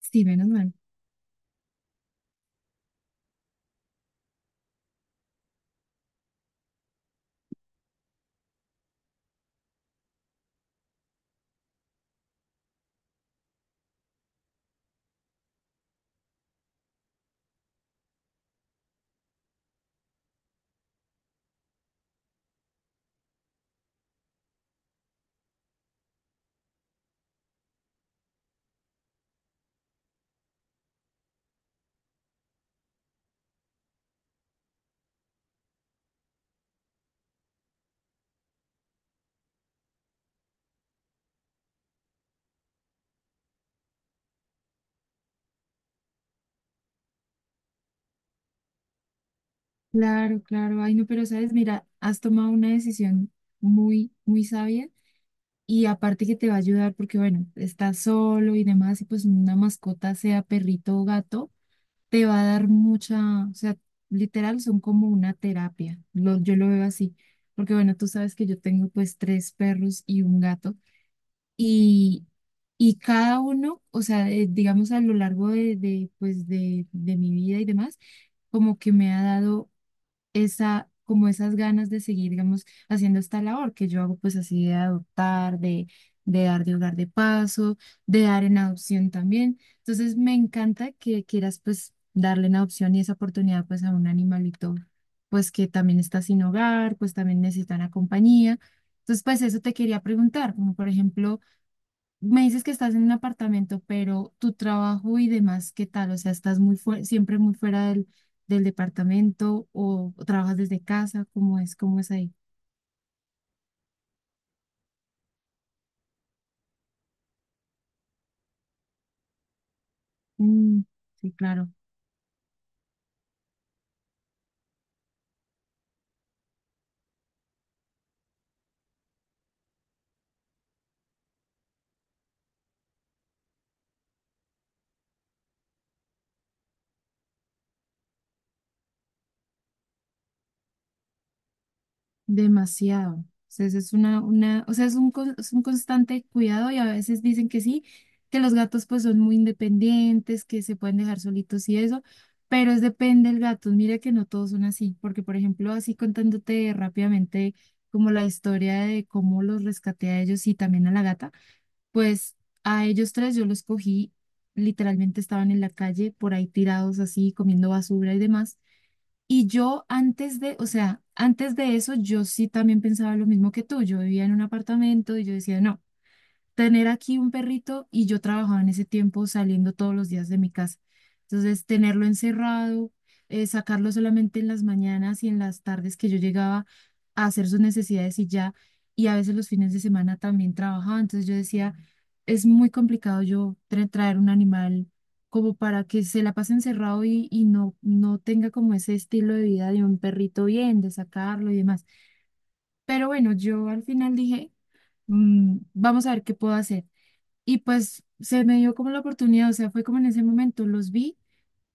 Sí, menos mal. Claro, claro. Ay, no, pero sabes, mira, has tomado una decisión muy, muy sabia y aparte que te va a ayudar porque, bueno, estás solo y demás y pues una mascota, sea perrito o gato, te va a dar mucha, o sea, literal son como una terapia. Yo lo veo así, porque, bueno, tú sabes que yo tengo pues tres perros y un gato y, y cada uno, o sea, digamos a lo largo pues de mi vida y demás, como que me ha dado esas ganas de seguir, digamos, haciendo esta labor que yo hago, pues así de adoptar, de dar de hogar de paso, de dar en adopción también. Entonces, me encanta que quieras, pues, darle en adopción y esa oportunidad, pues, a un animalito, pues, que también está sin hogar, pues, también necesita una compañía. Entonces, pues, eso te quería preguntar, como por ejemplo me dices que estás en un apartamento, pero tu trabajo y demás, ¿qué tal? O sea, ¿estás siempre muy fuera del departamento o trabajas desde casa? ¿Cómo es? ¿Cómo es ahí? Mm, sí, claro. Demasiado. O sea, eso es o sea, es un constante cuidado y a veces dicen que sí, que los gatos pues son muy independientes, que se pueden dejar solitos y eso, pero es depende del gato. Mira que no todos son así, porque por ejemplo, así contándote rápidamente como la historia de cómo los rescaté a ellos y también a la gata, pues a ellos tres yo los cogí, literalmente estaban en la calle por ahí tirados así, comiendo basura y demás. Y yo antes de, o sea, antes de eso, yo sí también pensaba lo mismo que tú. Yo vivía en un apartamento y yo decía, no tener aquí un perrito y yo trabajaba en ese tiempo saliendo todos los días de mi casa. Entonces, tenerlo encerrado, sacarlo solamente en las mañanas y en las tardes que yo llegaba a hacer sus necesidades y ya, y a veces los fines de semana también trabajaba. Entonces yo decía, es muy complicado yo traer un animal como para que se la pase encerrado y no, no tenga como ese estilo de vida de un perrito bien, de sacarlo y demás. Pero bueno, yo al final dije, Vamos a ver qué puedo hacer." Y pues se me dio como la oportunidad, o sea, fue como en ese momento los vi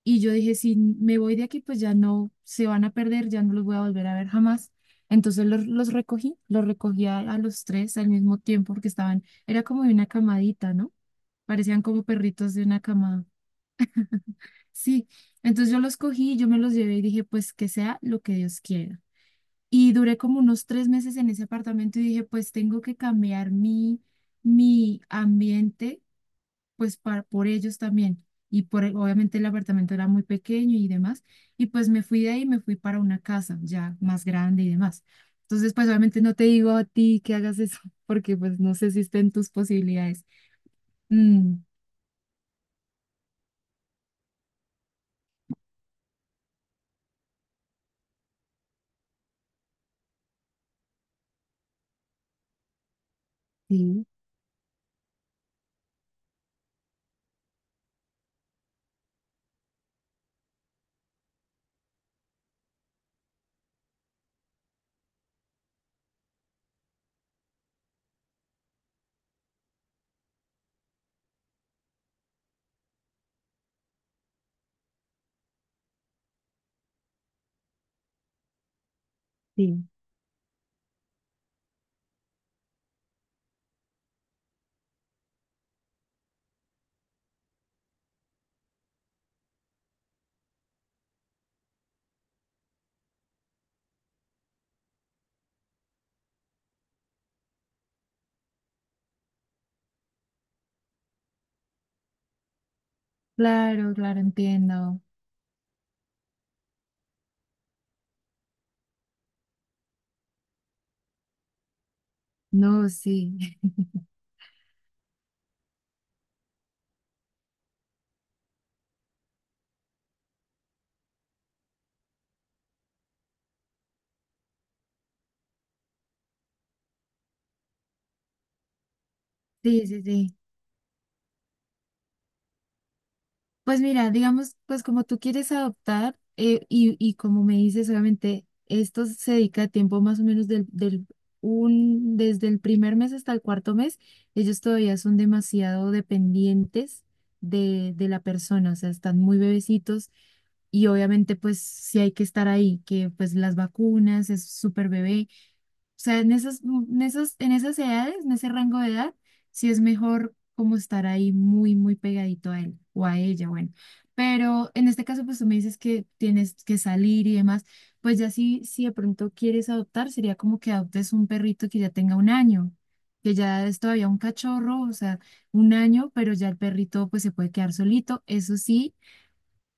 y yo dije, si me voy de aquí, pues ya no se van a perder, ya no los voy a volver a ver jamás. Entonces los recogí a los tres al mismo tiempo porque estaban, era como de una camadita, ¿no? Parecían como perritos de una camada. Sí, entonces yo los cogí, yo me los llevé y dije, pues que sea lo que Dios quiera. Y duré como unos 3 meses y dije, pues tengo que cambiar mi ambiente pues por ellos también. Y obviamente el apartamento era muy pequeño y demás. Y pues me fui de ahí, me fui para una casa ya más grande y demás. Entonces, pues obviamente no te digo a ti que hagas eso, porque pues no sé si estén tus posibilidades. Mm, sí, sí. Claro, claro, entiendo. No, sí. Sí, sí, sí. Pues mira, digamos, pues como tú quieres adoptar y como me dices, obviamente esto se dedica a tiempo más o menos desde el primer mes hasta el cuarto mes, ellos todavía son demasiado dependientes de la persona, o sea, están muy bebecitos y obviamente pues sí hay que estar ahí, que pues las vacunas, es súper bebé. O sea, en esas edades, en ese rango de edad, sí es mejor como estar ahí muy, muy pegadito a él o a ella, bueno. Pero en este caso, pues tú me dices que tienes que salir y demás, pues ya si de pronto quieres adoptar, sería como que adoptes un perrito que ya tenga un año, que ya es todavía un cachorro, o sea, un año, pero ya el perrito pues se puede quedar solito. Eso sí,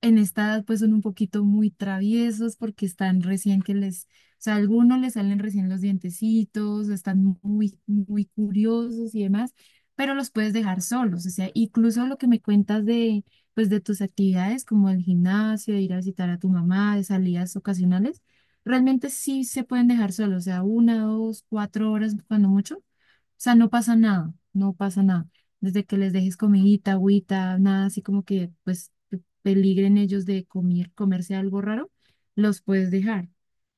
en esta edad pues son un poquito muy traviesos porque están recién que les, o sea, a algunos les salen recién los dientecitos, están muy, muy curiosos y demás, pero los puedes dejar solos, o sea, incluso lo que me cuentas de, pues de tus actividades como el gimnasio, de ir a visitar a tu mamá, de salidas ocasionales, realmente sí se pueden dejar solos, o sea, una, dos, cuatro horas cuando mucho, o sea, no pasa nada, no pasa nada desde que les dejes comidita, agüita, nada así como que pues peligren ellos de comer, comerse algo raro, los puedes dejar.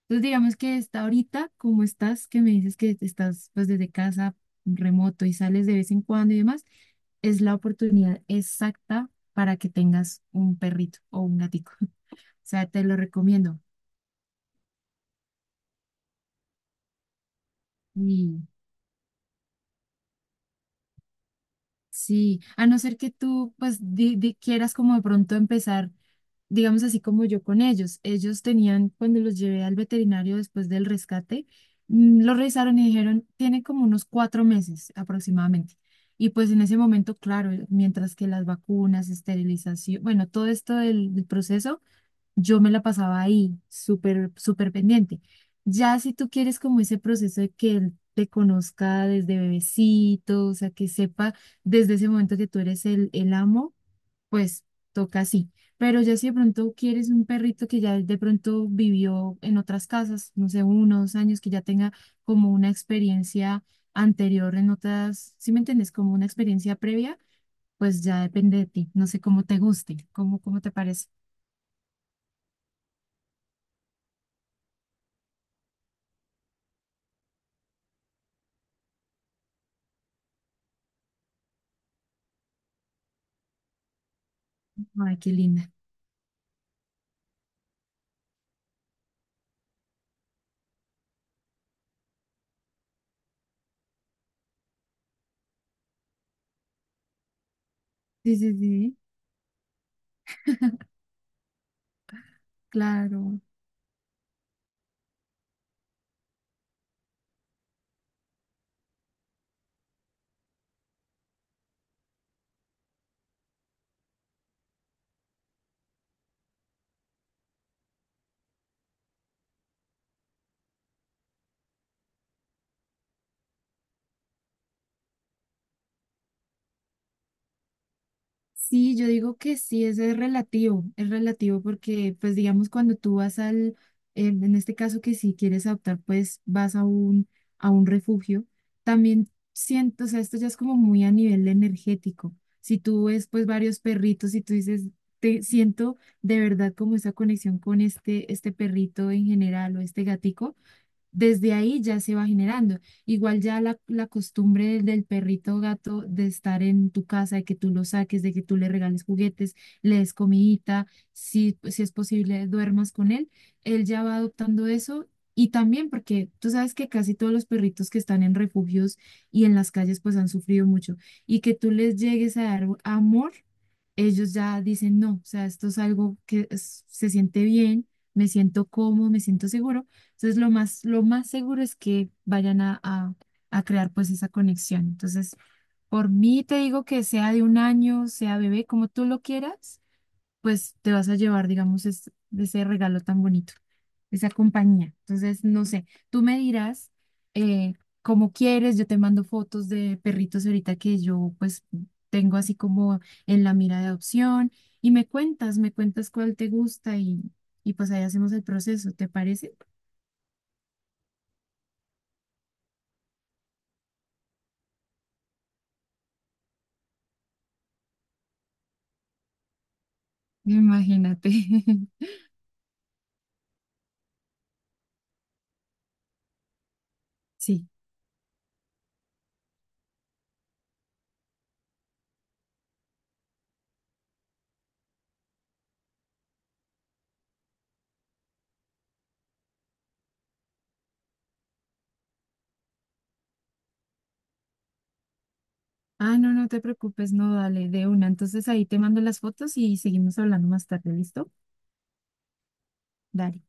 Entonces, digamos que está ahorita, como estás, que me dices que estás pues desde casa remoto y sales de vez en cuando y demás, es la oportunidad exacta para que tengas un perrito o un gatico. O sea, te lo recomiendo. Y sí, a no ser que tú pues quieras como de pronto empezar digamos así como yo con ellos. Ellos tenían, cuando los llevé al veterinario después del rescate, los revisaron y dijeron, tienen como unos 4 meses. Y pues en ese momento, claro, mientras que las vacunas, esterilización, bueno, todo esto del proceso, yo me la pasaba ahí, súper, súper pendiente. Ya si tú quieres como ese proceso de que él te conozca desde bebecito, o sea, que sepa desde ese momento que tú eres el amo pues toca así. Pero ya si de pronto quieres un perrito que ya de pronto vivió en otras casas, no sé, 1 o 2 años, que ya tenga como una experiencia anterior en otras, ¿sí me entiendes? Como una experiencia previa, pues ya depende de ti. No sé cómo te guste, cómo te parece. Ay, qué linda. Sí, sí, sí, claro. Sí, yo digo que sí, eso es relativo porque, pues digamos, cuando tú en este caso que si quieres adoptar, pues a un refugio, también siento, o sea, esto ya es como muy a nivel energético. Si tú ves, pues, varios perritos y tú dices, te siento de verdad como esa conexión con este perrito en general o este gatico, desde ahí ya se va generando. Igual ya la costumbre del perrito o gato de estar en tu casa, de que tú lo saques, de que tú le regales juguetes, le des comidita, si es posible duermas con él, él ya va adoptando eso. Y también porque tú sabes que casi todos los perritos que están en refugios y en las calles pues han sufrido mucho y que tú les llegues a dar amor, ellos ya dicen no, o sea, esto es algo que se siente bien, me siento cómodo, me siento seguro entonces, lo más seguro es que vayan a crear pues esa conexión. Entonces, por mí te digo que sea de un año, sea bebé, como tú lo quieras, pues te vas a llevar, digamos, ese regalo tan bonito, esa compañía. Entonces, no sé, tú me dirás eh, cómo quieres, yo te mando fotos de perritos ahorita que yo pues tengo así como en la mira de adopción y me cuentas cuál te gusta y pues ahí hacemos el proceso, ¿te parece? Imagínate. Sí. Ah, no, no te preocupes, no, dale, de una. Entonces ahí te mando las fotos y seguimos hablando más tarde, ¿listo? Dale.